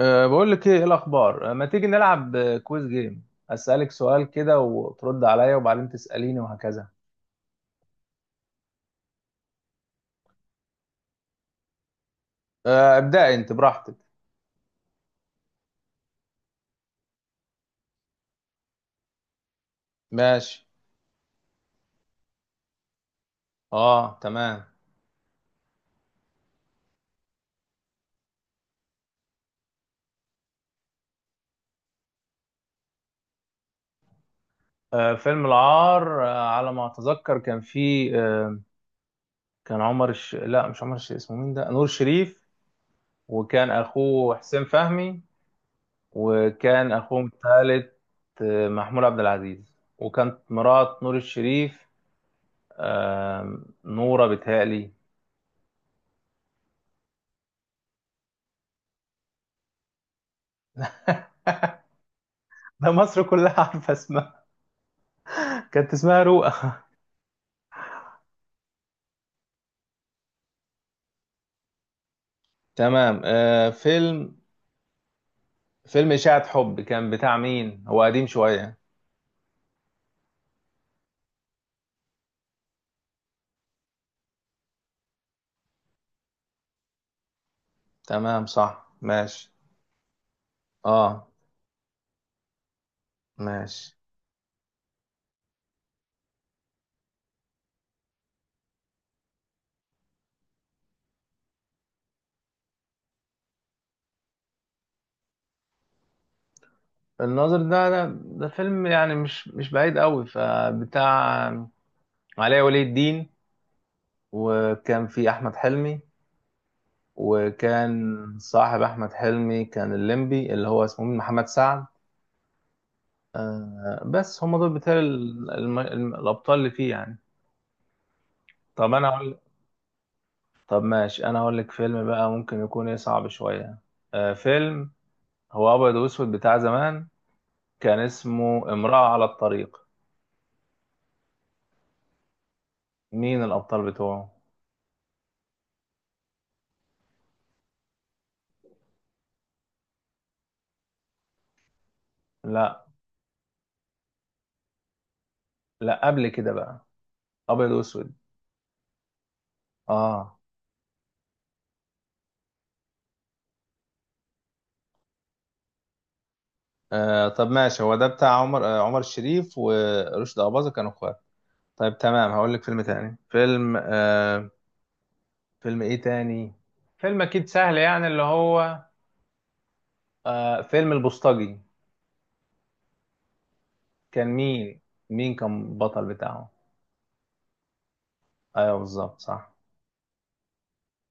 بقول لك ايه الاخبار، ما تيجي نلعب، كويز جيم اسالك سؤال كده وترد عليا وبعدين تساليني وهكذا. ابدأ انت براحتك. ماشي. اه تمام. فيلم العار، على ما اتذكر كان فيه كان عمر الش...، لا مش عمر الش...، اسمه مين ده؟ نور شريف. وكان اخوه حسين فهمي. وكان اخوهم الثالث محمود عبد العزيز. وكانت مرات نور الشريف أه نورة، بتهيألي. ده مصر كلها عارفة اسمها. كانت اسمها رؤى. تمام. فيلم إشاعة حب كان بتاع مين؟ هو قديم شوية. تمام صح، ماشي. اه. ماشي. الناظر ده فيلم يعني مش بعيد قوي، فبتاع علي ولي الدين. وكان في أحمد حلمي، وكان صاحب أحمد حلمي كان الليمبي، اللي هو اسمه مين؟ محمد سعد. بس هم دول بتاع الأبطال اللي فيه يعني. طب أنا أقول. طب ماشي، انا اقول لك فيلم بقى ممكن يكون ايه، صعب شوية. فيلم هو ابيض واسود بتاع زمان، كان اسمه امرأة على الطريق. مين الابطال بتوعه؟ لا. لا، قبل كده بقى، ابيض واسود. اه. طب ماشي، هو ده بتاع عمر، عمر الشريف ورشدي اباظة، كانوا اخوات. طيب تمام، هقول لك فيلم تاني. فيلم فيلم ايه تاني؟ فيلم اكيد سهل يعني، اللي هو فيلم البوسطجي. كان مين؟ مين كان بطل بتاعه؟ ايوه بالظبط صح.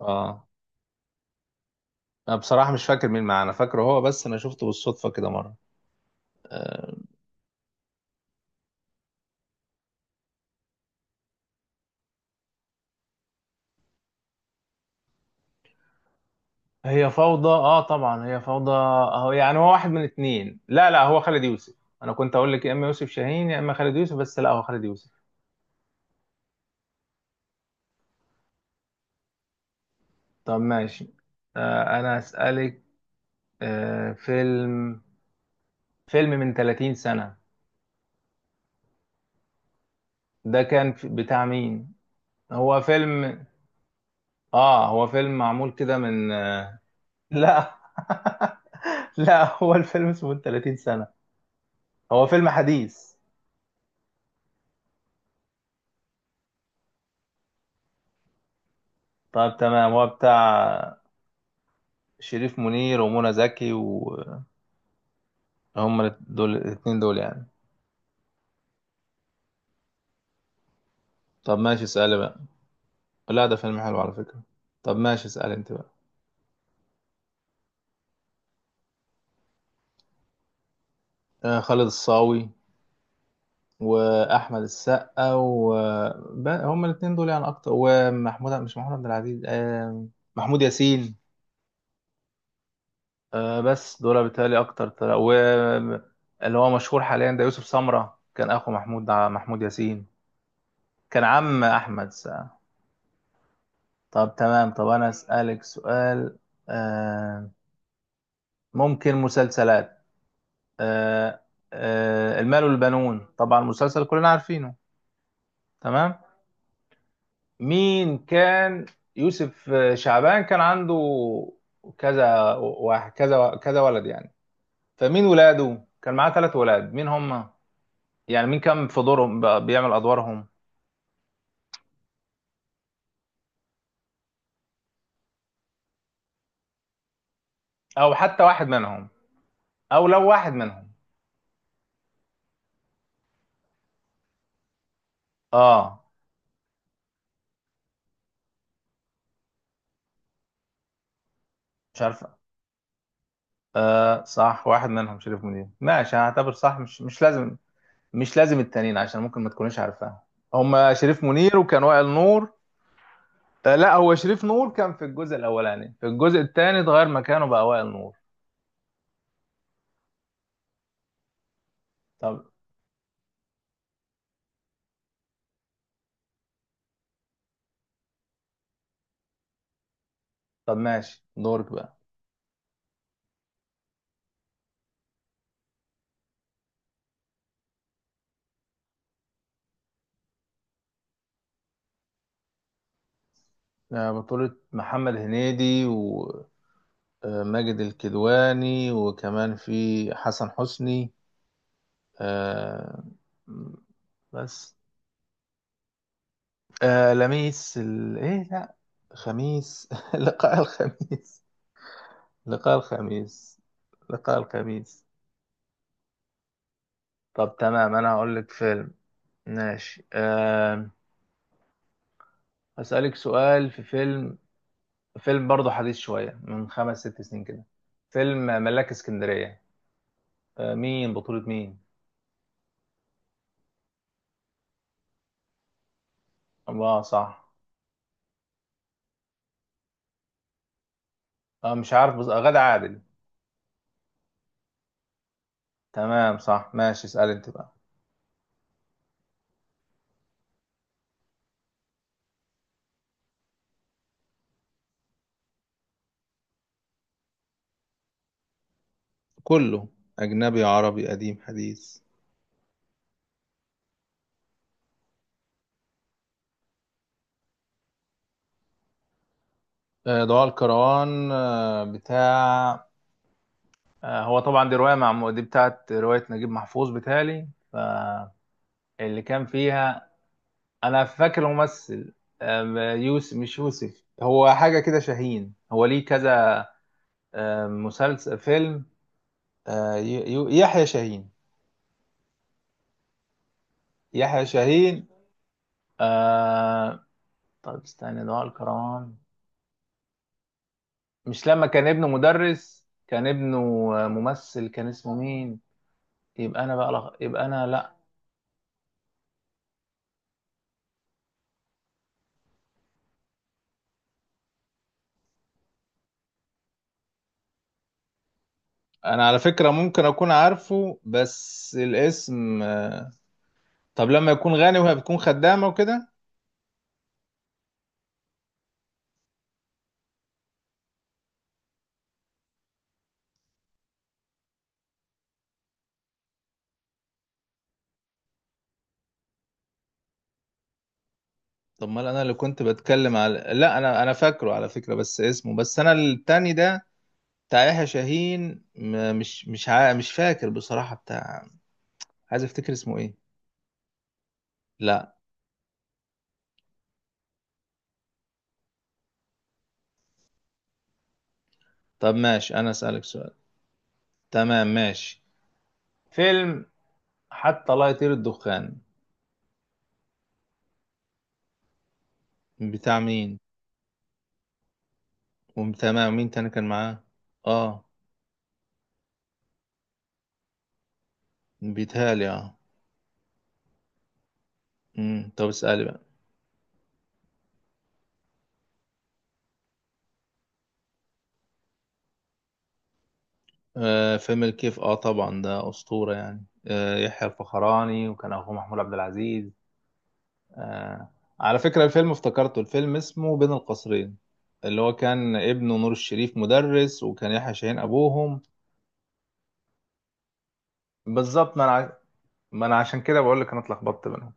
اه. انا بصراحة مش فاكر مين معانا، فاكره هو بس. انا شفته بالصدفة كده مرة. آه. هي فوضى؟ اه طبعا، هي فوضى اهو يعني. هو واحد من اتنين، لا هو خالد يوسف. انا كنت اقول لك يا اما يوسف شاهين يا اما خالد يوسف، بس لا، هو خالد يوسف. طب ماشي. انا اسالك. آه فيلم فيلم من 30 سنة. ده كان بتاع مين؟ هو فيلم... اه هو فيلم معمول كده من لا. لا، هو الفيلم اسمه من 30 سنة، هو فيلم حديث. طيب تمام، هو بتاع شريف منير ومنى زكي، وهم دول الاثنين دول يعني. طب ماشي، اسألي بقى. لا، ده فيلم حلو على فكرة. طب ماشي، اسألي انت بقى. خالد الصاوي واحمد السقا و... هم الاثنين دول يعني اكتر، ومحمود... مش محمود عبد العزيز، محمود ياسين. بس دول بالتالي اكتر طلع. و... اللي هو مشهور حاليا ده يوسف سمرة، كان اخو محمود، ياسين. كان عم احمد السقا. طب تمام، طب أنا أسألك سؤال. آه ممكن مسلسلات. آه المال والبنون، طبعا مسلسل كلنا عارفينه. تمام. مين كان... يوسف شعبان كان عنده كذا واحد، كذا كذا ولد يعني. فمين ولاده كان معاه؟ ثلاث ولاد، مين هم؟ يعني مين كان في دورهم بيعمل أدوارهم؟ أو حتى واحد منهم. أو لو واحد منهم. اه مش عارف. صح، واحد منهم شريف منير، ماشي، هعتبر صح. مش لازم، مش لازم التانيين، عشان ممكن ما تكونيش عارفاهم. هما شريف منير، وكان وائل نور. لا، هو شريف نور كان في الجزء الاولاني، في الجزء الثاني اتغير مكانه بقى وائل نور. طب. طب ماشي، دورك بقى. بطولة محمد هنيدي وماجد الكدواني، وكمان في حسن حسني، آه، بس. لميس ايه؟ لا، خميس. لقاء الخميس. لقاء الخميس. لقاء الخميس. طب تمام، انا هقول لك فيلم. ماشي. هسألك سؤال في فيلم. فيلم برضه حديث شوية، من خمس ست سنين كده، فيلم ملاك اسكندرية. بطولة مين؟ اه صح. مش عارف بس، غادة عادل. تمام صح، ماشي، اسأل انت بقى. كله، أجنبي عربي قديم حديث. ضوء الكروان، بتاع... هو طبعا دي رواية، مع دي بتاعت رواية نجيب محفوظ، بتالي فاللي كان فيها... انا فاكر الممثل. يوسف، مش يوسف، هو حاجه كده شاهين، هو ليه كذا. مسلسل، فيلم، يحيى شاهين. يحيى شاهين. أه، طب استنى، دعاء الكرام. مش لما كان ابنه مدرس؟ كان ابنه ممثل، كان اسمه مين؟ يبقى انا، لا. انا على فكره ممكن اكون عارفه، بس الاسم طب لما يكون غني وهي بتكون خدامه وكده. طب ما انا اللي كنت بتكلم على، لا، انا فاكره على فكره بس اسمه، بس انا التاني ده بتاع يحيى شاهين، م- مش مش مش فاكر بصراحه بتاع، عايز افتكر اسمه ايه. لا. طب ماشي، انا اسالك سؤال. تمام ماشي. فيلم حتى لا يطير الدخان، بتاع مين؟ وتمام، مين تاني كان معاه؟ اه. بيتهيألي اه. طب اسالي بقى. فيلم الكيف. اه طبعا ده اسطوره يعني. يحيى الفخراني، وكان اخوه محمود عبد العزيز. آه. على فكرة الفيلم افتكرته، الفيلم اسمه بين القصرين، اللي هو كان ابنه نور الشريف مدرس، وكان يحيى شاهين أبوهم. بالظبط، ما أنا عشان كده بقول لك، أنا اتلخبطت بينهم.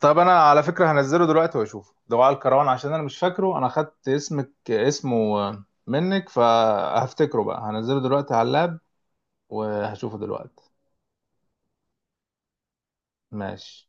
طب أنا على فكرة هنزله دلوقتي وأشوفه، دعاء الكروان، عشان أنا مش فاكره. أنا خدت اسمه منك، فهفتكره بقى. هنزله دلوقتي على اللاب وهشوفه دلوقتي. ماشي.